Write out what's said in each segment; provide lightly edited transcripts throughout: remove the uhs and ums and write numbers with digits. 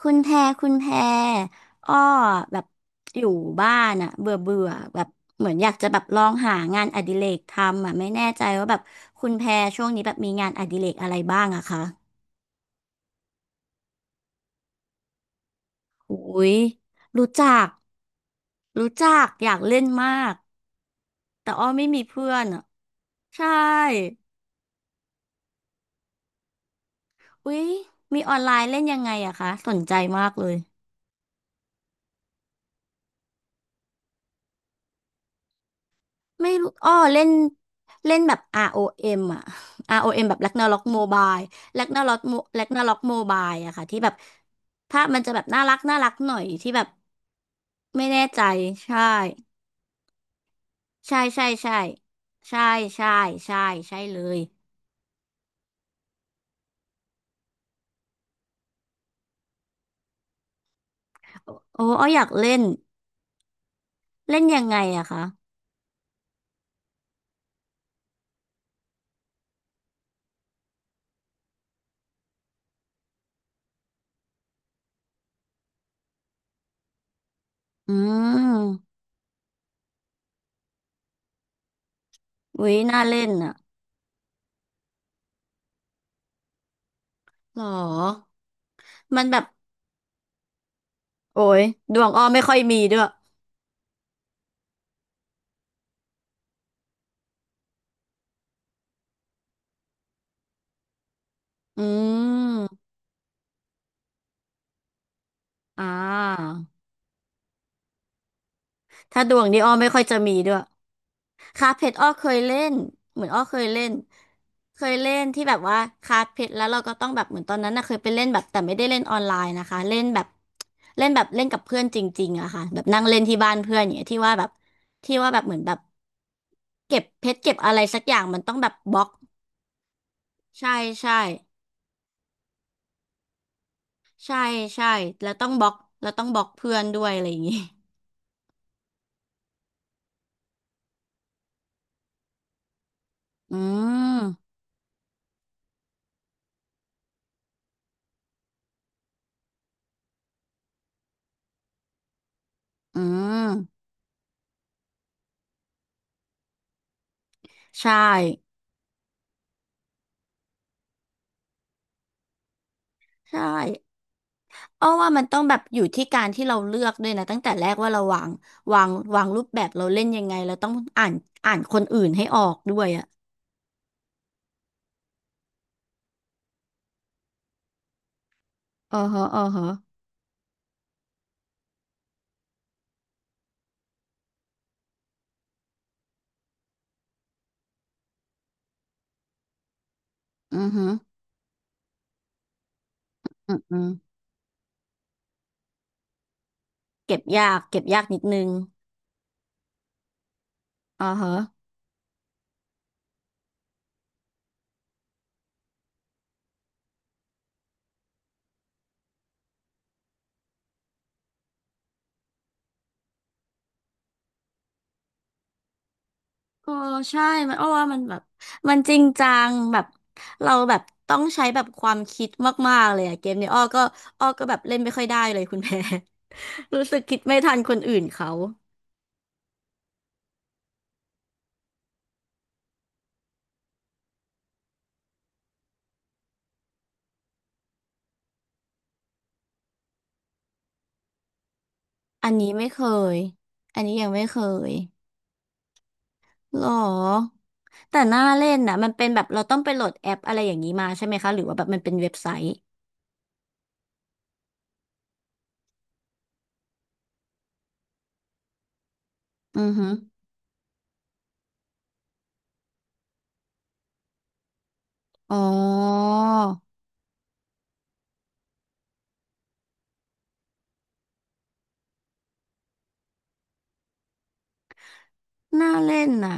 คุณแพรคุณแพรอ้อแบบอยู่บ้านอะเบื่อเบื่อแบบเหมือนอยากจะแบบลองหางานอดิเรกทำอะไม่แน่ใจว่าแบบคุณแพรช่วงนี้แบบมีงานอดิเรกอะไรบ้างอะคะอุ้ยรู้จักรู้จักอยากเล่นมากแต่อ้อไม่มีเพื่อนอะใช่อุ้ยมีออนไลน์เล่นยังไงอะคะสนใจมากเลย ไม่รู้อ้อเล่นเล่นแบบ ROM อเอ็มอ่ะ ROM แบบ Ragnarok Mobile Ragnarok Mobile อะค่ะที่แบบภาพมันจะแบบน่ารักน่ารักหน่อยที่แบบไม่แน่ใจ ใช่ ใช่ ใช่ ใช่ ใช่ ใช่ใช่ใช่เลยโอ้อ้ออยากเล่น เล่นยังไงอะคะ อืมอุ๊ยน่าเล่นอะหรอมันแบบ โอ้ยดวงอ้อไม่ค่อยมีด้วย อืม อ่า ถ้าดวงนี้อ้อไม่ค่อยจะมีด้วย คาร์ดเพชรอ้อเคยเล่นเหมือนอ้อเคยเล่นเคยเล่นที่แบบว่าคาร์ดเพชรแล้วเราก็ต้องแบบเหมือนตอนนั้นนะเคยไปเล่นแบบแต่ไม่ได้เล่นออนไลน์นะคะเล่นแบบเล่นกับเพื่อนจริงๆอะค่ะแบบนั่งเล่นที่บ้านเพื่อนอย่างเงี้ยที่ว่าแบบที่ว่าแบบเหมือนแบบเก็บเพชรเก็บอะไรสักอย่างมันต้องแบบบล็อกใช่ใช่ใช่ใช่แล้วต้องบล็อกแล้วต้องบล็อกเพื่อนด้วยอะไรอย่างงี้อืมอืมใช่ใช่ อ้อว่ามันต้องแบบอยู่ที่การที่เราเลือกด้วยนะตั้งแต่แรกว่าเราวางวางวางรูปแบบเราเล่นยังไงเราต้องอ่านคนอื่นให้ออกด้วยอ่ะอ๋อฮะอ๋อฮะอือฮึอืมอืมเก็บยากนิดนึงอ๋อฮะโอ้ใช่มันอ้อว่ามันแบบมันจริงจังแบบเราแบบต้องใช้แบบความคิดมากๆเลยอะเกมเนี้ยอ้อก็อ้อก็แบบเล่นไม่ค่อยได้เลยคุณ แพร รู้สึกคิดไม่ทันคนอื่นเขาอันนี้ไม่เคยอันนี้ยังไม่เคยหรอ แต่หน้าเล่นน่ะมันเป็นแบบเราต้องไปโหลดแอปอะไรอย่างนี้มาใช่ไหมคะหรือว่าแบบมันเป็นเว็บไซต์อือฮึอ๋อหน้าเล่นน่ะ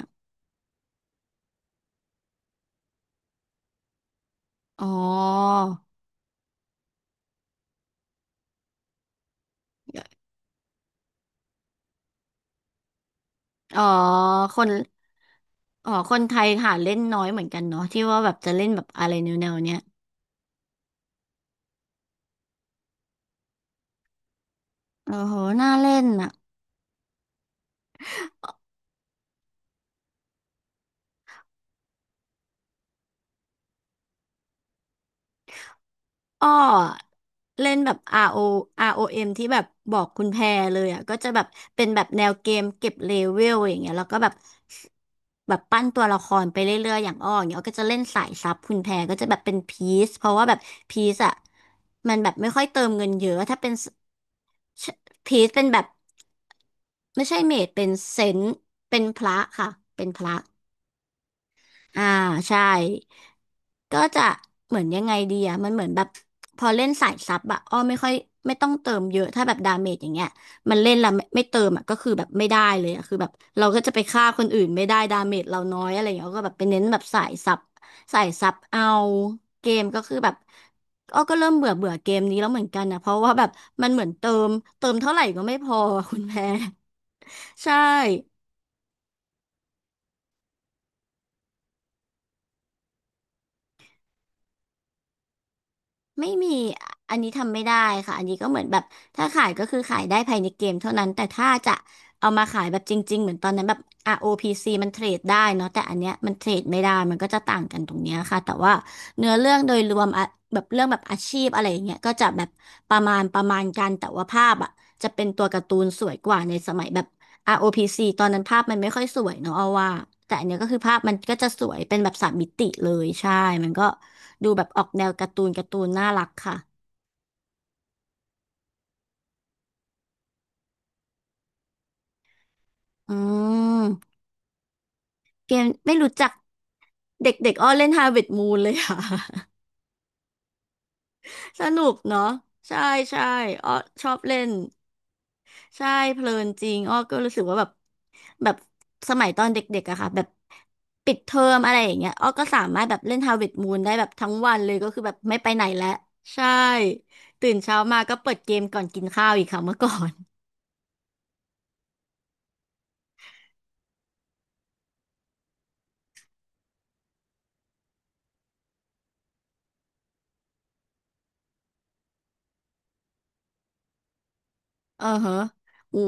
อ๋ออ๋อคนอ๋อคนไทยหาเล่นน้อยเหมือนกันเนาะที่ว่าแบบจะเล่นแบบอะไรแนวๆเนี้ยโอ้โหหน้าเล่นน่ะ อ้อเล่นแบบ ROM ที่แบบบอกคุณแพรเลยอ่ะก็จะแบบเป็นแบบแนวเกมเก็บเลเวลอย่างเงี้ยแล้วก็แบบแบบปั้นตัวละครไปเรื่อยๆอย่างอ้ออย่างเงี้ยอ้อก็จะเล่นสายซับคุณแพรก็จะแบบเป็นพีซเพราะว่าแบบพีซอ่ะมันแบบไม่ค่อยเติมเงินเยอะถ้าเป็นพีซเป็นแบบไม่ใช่เมจเป็นเซนต์เป็นพระค่ะเป็นพระ อ่าใช่ก็จะเหมือนยังไงดีอะมันเหมือนแบบพอเล่นสายซับอะอ้อไม่ค่อยไม่ต้องเติมเยอะถ้าแบบดาเมจอย่างเงี้ยมันเล่นแล้วไม่เติมอะก็คือแบบไม่ได้เลยอะคือแบบเราก็จะไปฆ่าคนอื่นไม่ได้ดาเมจเราน้อยอะไรอย่างเงี้ยก็แบบไปเน้นแบบสายซับสายซับเอาเกมก็คือแบบอ้อก็เริ่มเบื่อเบื่อเกมนี้แล้วเหมือนกันนะเพราะว่าแบบมันเหมือนเติมเท่าไหร่ก็ไม่พอคุณแพ้ ใช่ ไม่มีอะอันนี้ทำไม่ได้ค่ะอันนี้ก็เหมือนแบบถ้าขายก็คือขายได้ภายในเกมเท่านั้นแต่ถ้าจะเอามาขายแบบจริงๆเหมือนตอนนั้นแบบอาร์โอพีซีมันเทรดได้เนาะแต่อันเนี้ยมันเทรดไม่ได้มันก็จะต่างกันตรงเนี้ยค่ะแต่ว่าเนื้อเรื่องโดยรวมอะแบบเรื่องแบบอาชีพอะไรอย่างเงี้ยก็จะแบบประมาณกันแต่ว่าภาพอะจะเป็นตัวการ์ตูนสวยกว่าในสมัยแบบ ROPC ตอนนั้นภาพมันไม่ค่อยสวยเนาะเอาว่าแต่อันเนี้ยก็คือภาพมันก็จะสวยเป็นแบบสามมิติเลยใช่ มันก็ดูแบบออกแนวการ์ตูนน่ารักค่ะอืมเกมไม่รู้จักเด็กๆอ้อเล่น Harvest Moon เลยค่ะ สนุกเนาะใช่ใช่อ้อชอบเล่นใช่เพลินจริงอ้อก็รู้สึกว่าแบบแบบสมัยตอนเด็กๆอะค่ะแบบปิดเทอมอะไรอย่างเงี้ยอ้อก็สามารถแบบเล่น Harvest Moon ได้แบบทั้งวันเลยก็คือแบบไม่ไปไหนแล้วใช่ตื่นเช้ามาก็เปิดเกมก่อนกินข้าวอีกค่ะเมื่อก่อน เออฮะโอ้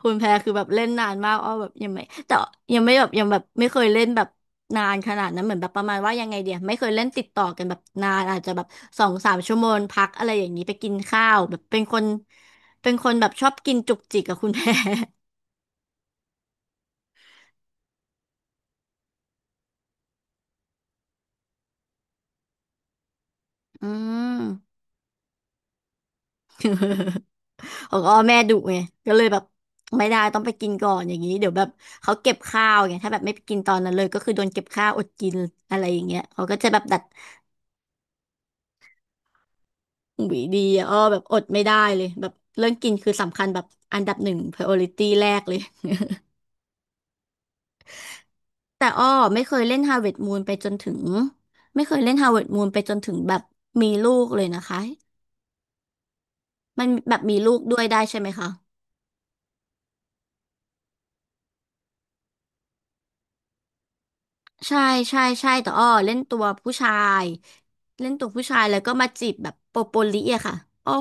คุณแพรคือแบบเล่นนานมากอ้อแบบยังไม่แต่ยังไม่แบบยังแบบไม่เคยเล่นแบบนานขนาดนั้นเหมือนแบบประมาณว่ายังไงเดียไม่เคยเล่นติดต่อกันแบบนานอาจจะแบบสองสามชั่วโมงพักอะไรอย่างนี้ไปกินข้าวแบบเป็นคนแบบชอบกินจุกจิกกับคุณแพร อืมของอ้อแม่ดุไงก็เลยแบบไม่ได้ต้องไปกินก่อนอย่างนี้เดี๋ยวแบบเขาเก็บข้าวไงถ้าแบบไม่ไปกินตอนนั้นเลยก็คือโดนเก็บข้าวอดกินอะไรอย่างเงี้ยเขาก็จะแบบดัด หวีดีอะอ้อแบบอดไม่ได้เลยแบบเรื่องกินคือสำคัญแบบอันดับหนึ่ง priority แรกเลยแต่อ้อไม่เคยเล่น Harvest Moon ไปจนถึงไม่เคยเล่น Harvest Moon ไปจนถึงแบบมีลูกเลยนะคะมันแบบมีลูกด้วยได้ใช่ไหมคะใช่ใช่ใช่แต่อ้อเล่นตัวผู้ชายเล่นตัวผู้ชายแล้วก็มาจีบแบบโปโปลิอะค่ะอ้อ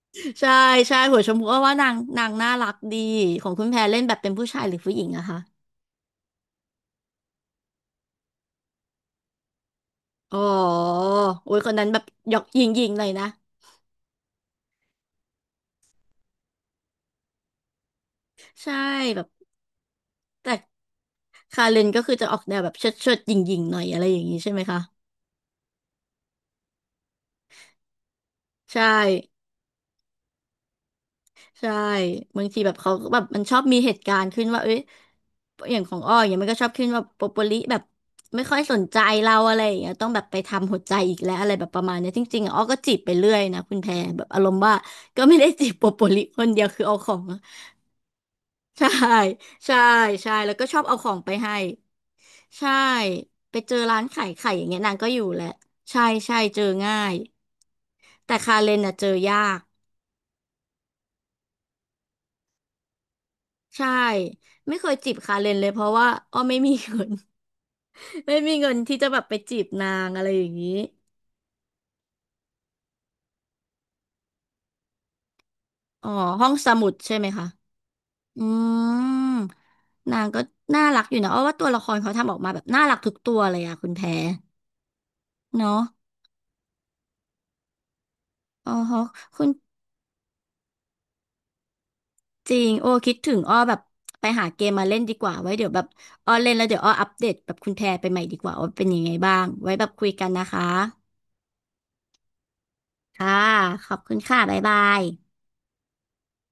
ใช่ใช่หัวชมพูอ้อว่านางน่ารักดีของคุณแพรเล่นแบบเป็นผู้ชายหรือผู้หญิงอะคะอ๋อโอ้ยคนนั้นแบบหยอกหยิ่งๆเลยนะ ใช่แบบแต่คาเรนก็คือจะออกแนวแบบเชิดเชิดหยิ่งยิงๆหน่อยอะไรอย่างนี้ใช่ไหมคะใช่ใช่บางทีแบบเขาก็แบบมันชอบมีเหตุการณ์ขึ้นว่าเอ้ยอย่างของอ้ออย่างเงี้ยมันก็ชอบขึ้นว่าโปโปลิแบบไม่ค่อยสนใจเราอะไรอย่างเงี้ยต้องแบบไปทำหัวใจอีกแล้วอะไรแบบประมาณเนี้ยจริงๆอะอ้อก็จีบไปเรื่อยนะคุณแพรแบบอารมณ์ว่าก็ไม่ได้จีบโปโปลิคนเดียวคือเอาของใช่ใช่ใช่แล้วก็ชอบเอาของไปให้ ใช่ไปเจอร้านขายไข่อย่างเงี้ยนางก็อยู่แหละใช่ใช่เจอง่ายแต่คาเรนน่ะเจอยากใช่ไม่เคยจีบคาเรนเลยเพราะว่าอ้อไม่มีเงิน ไม่มีเงินที่จะแบบไปจีบนางอะไรอย่างนี้อ๋อห้องสมุดใช่ไหมคะอืมนางก็น่ารักอยู่นะอ้อว่าตัวละครเขาทำออกมาแบบน่ารักทุกตัวเลยอะคุณแพรเนาะอ๋อฮะคุณ จริงโอ้คิดถึงอ้อแบบไปหาเกมมาเล่นดีกว่าไว้เดี๋ยวแบบอ้อเล่นแล้วเดี๋ยวอ้ออัปเดตแบบคุณแพรไปใหม่ดีกว่าว่าเป็นยังไงบ้างไว้แบบคุยกันนะคะค่ะขอบคุณค่ะบ๊ายบาย